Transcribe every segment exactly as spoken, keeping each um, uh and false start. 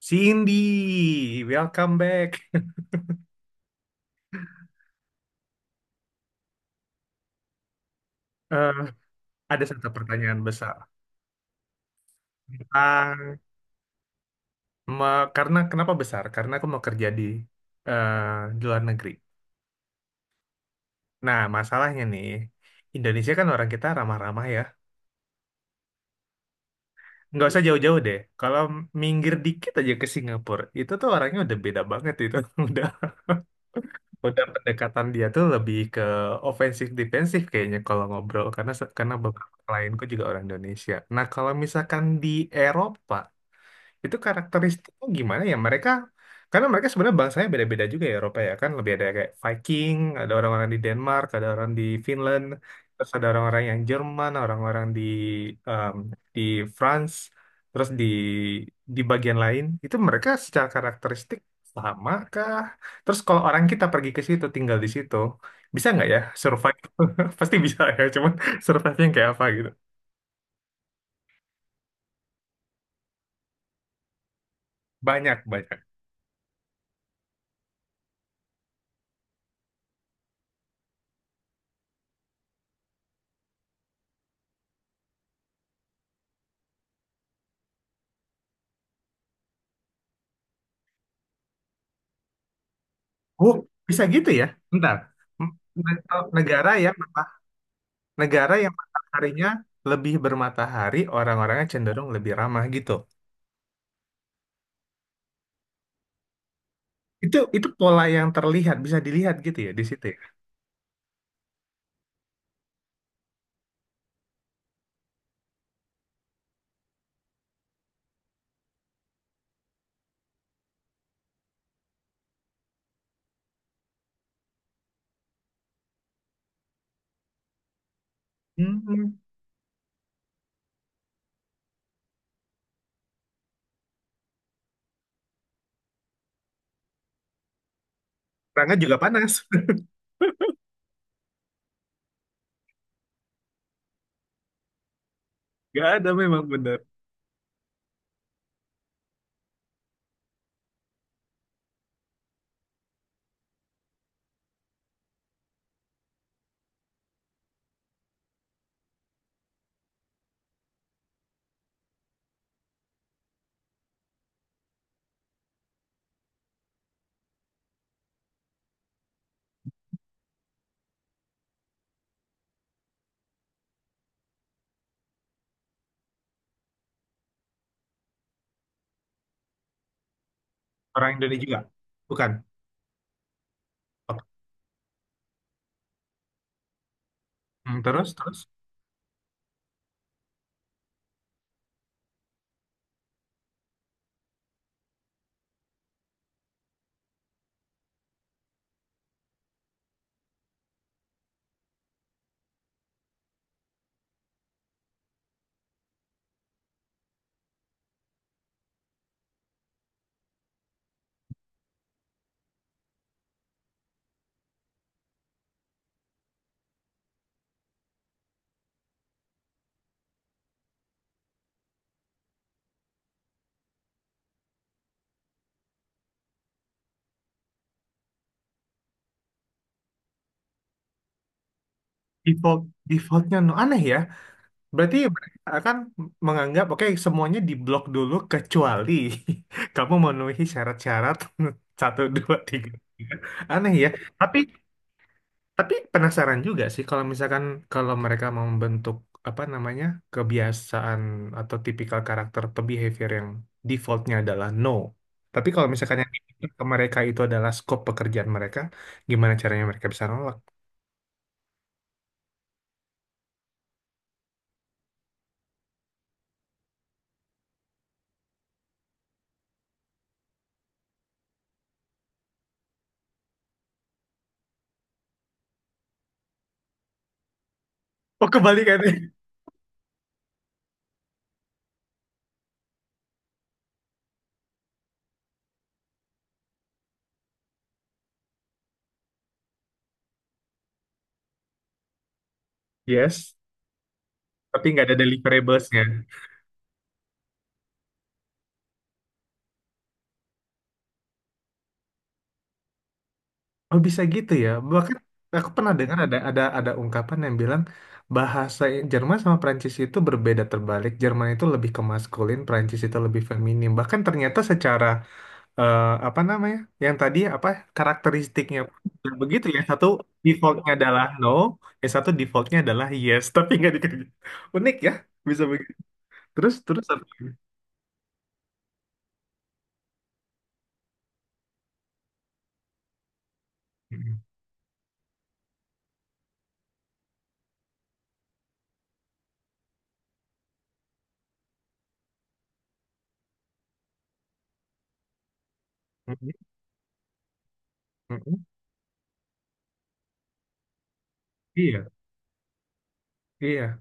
Cindy, welcome back. Eh, ada satu pertanyaan besar. Tentang, me- karena kenapa besar? Karena aku mau kerja di eh, di luar negeri. Nah, masalahnya nih, Indonesia kan orang kita ramah-ramah ya. Nggak usah jauh-jauh deh. Kalau minggir dikit aja ke Singapura, itu tuh orangnya udah beda banget itu. Udah, udah pendekatan dia tuh lebih ke ofensif defensif kayaknya kalau ngobrol. Karena se- karena beberapa klienku juga orang Indonesia. Nah, kalau misalkan di Eropa itu karakteristiknya gimana ya mereka karena mereka sebenarnya bangsanya beda-beda juga ya Eropa ya kan lebih ada kayak Viking, ada orang-orang di Denmark, ada orang di Finland, terus ada orang-orang yang Jerman, orang-orang di em, di France, terus di di bagian lain itu mereka secara karakteristik sama kah, terus kalau orang kita pergi ke situ tinggal di situ bisa nggak ya survive. Pasti bisa ya cuman survive yang kayak apa gitu, banyak banyak. Oh, bisa gitu ya? Bentar. M- ne- Negara yang mata- negara yang mataharinya lebih bermatahari, orang-orangnya cenderung lebih ramah gitu. Itu itu pola yang terlihat, bisa dilihat gitu ya di situ ya. Hmm, orangnya juga panas. Gak ada memang bener. Orang Indonesia juga. Bukan. Oke. Hmm, terus terus default, defaultnya no aneh ya. Berarti mereka akan menganggap, oke, semuanya diblok dulu kecuali kamu memenuhi syarat-syarat satu, dua, tiga. Tiga. Aneh ya. Tapi tapi penasaran juga sih kalau misalkan kalau mereka mau membentuk apa namanya, kebiasaan atau tipikal karakter atau behavior yang defaultnya adalah no. Tapi kalau misalkan yang dibentuk ke mereka itu adalah scope pekerjaan mereka, gimana caranya mereka bisa nolak? Oh, kebalikannya. Yes, tapi nggak ada deliverables. Oh bisa gitu ya. Bahkan aku pernah dengar ada ada ada ungkapan yang bilang bahasa Jerman sama Prancis itu berbeda terbalik. Jerman itu lebih ke maskulin, Prancis itu lebih feminim. Bahkan ternyata secara eh, apa namanya? Yang tadi apa karakteristiknya pun juga begitu ya. Satu defaultnya adalah no, yang satu defaultnya adalah yes, tapi nggak dikerja. Unik ya, bisa begitu. Terus terus apa lagi? Mm-mm. Mm-mm. Iya, iya.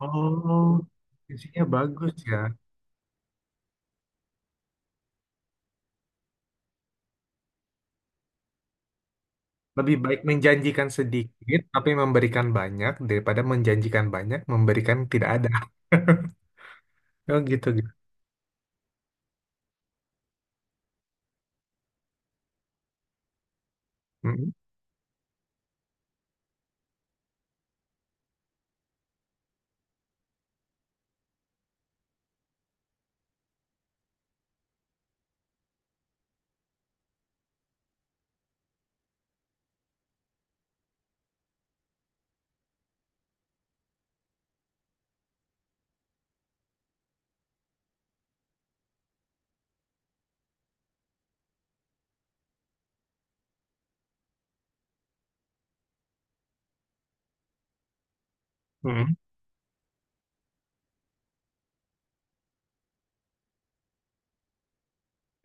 Oh, isinya bagus ya. Lebih baik menjanjikan sedikit tapi memberikan banyak daripada menjanjikan banyak memberikan tidak ada. Oh gitu gitu. Mm-mm.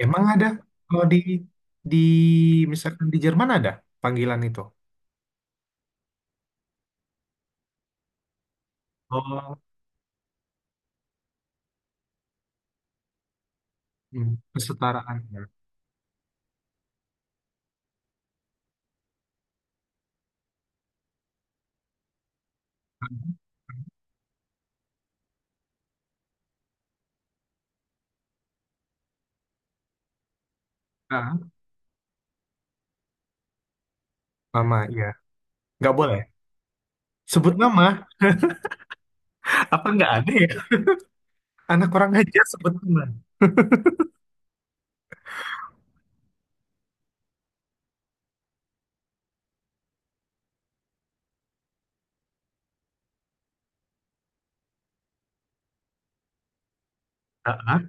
Emang ada kalau di di misalkan di Jerman ada panggilan itu. Oh, mm, kesetaraan ya. Ah, Mama ya. Nggak boleh. Sebut nama. Apa nggak ada ya? Anak orang aja sebut nama. Ah, ah.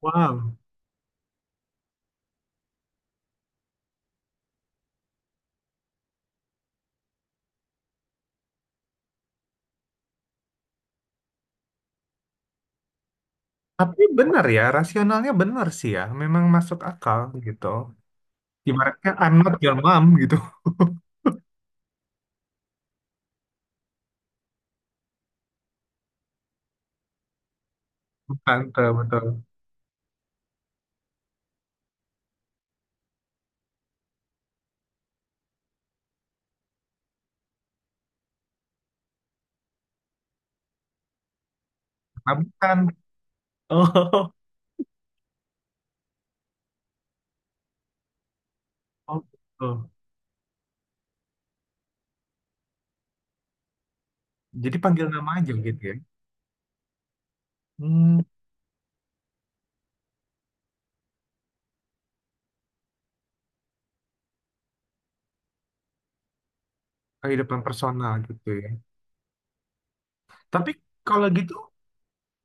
Wow. Tapi benar ya, rasionalnya benar sih ya. Memang masuk akal gitu. Ibaratnya I'm not your mom gitu. Bukan, betul betul. Nah, bukan. Oh, oh, gitu. Jadi panggil nama aja gitu ya. Hmm, kehidupan personal gitu ya. Tapi kalau gitu,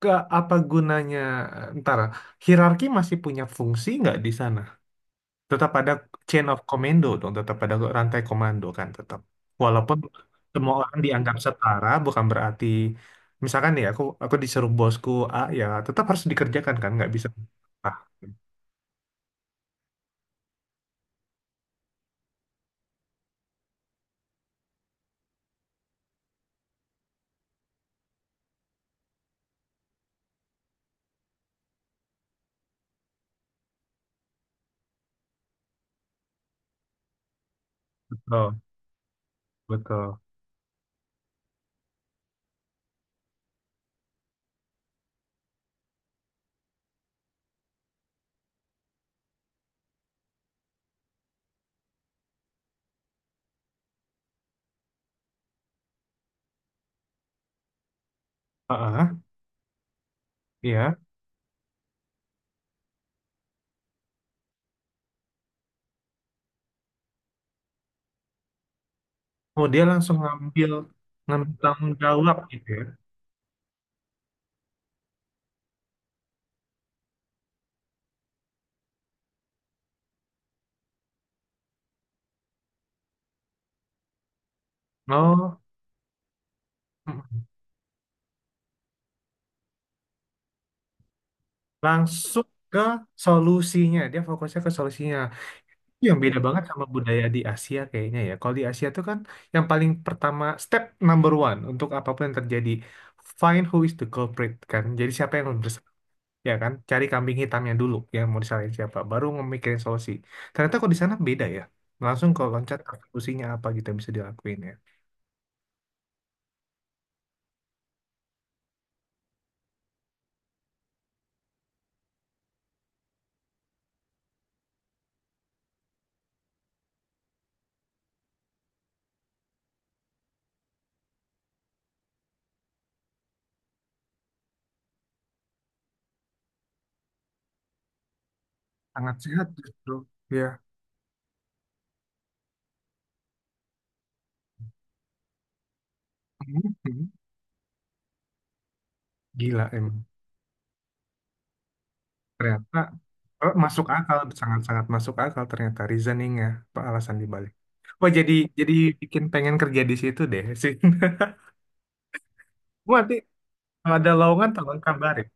ke apa gunanya? eh, Ntar, hierarki masih punya fungsi nggak di sana? Tetap ada chain of commando dong, tetap ada rantai komando kan tetap. Walaupun semua orang dianggap setara, bukan berarti misalkan nih aku aku disuruh bosku A ya tetap harus dikerjakan kan nggak bisa ah. Oh, betul. Heeh, iya. Oh, dia langsung ngambil, ngambil tanggung jawab gitu ya. Oh, mm-mm. Langsung ke solusinya. Dia fokusnya ke solusinya. Itu yang beda banget sama budaya di Asia kayaknya ya. Kalau di Asia tuh kan yang paling pertama, step number one untuk apapun yang terjadi, find who is the culprit kan. Jadi siapa yang bersalah, ya kan? Cari kambing hitamnya dulu yang mau disalahin siapa. Baru memikirin solusi. Ternyata kok di sana beda ya. Langsung kalau loncat ke solusinya apa gitu yang bisa dilakuin ya. Sangat sehat justru ya. Mhm. Gila emang. Ternyata oh, masuk akal, sangat-sangat masuk akal ternyata reasoningnya apa alasan dibalik. Wah jadi jadi bikin pengen kerja di situ deh sih. Gua nanti kalau ada lowongan tolong kabarin.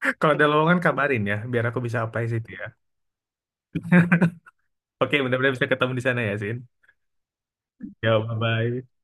Kalau ada lowongan kabarin ya biar aku bisa apply situ ya. Oke mudah-mudahan bisa ketemu di sana ya Sin, ya bye bye.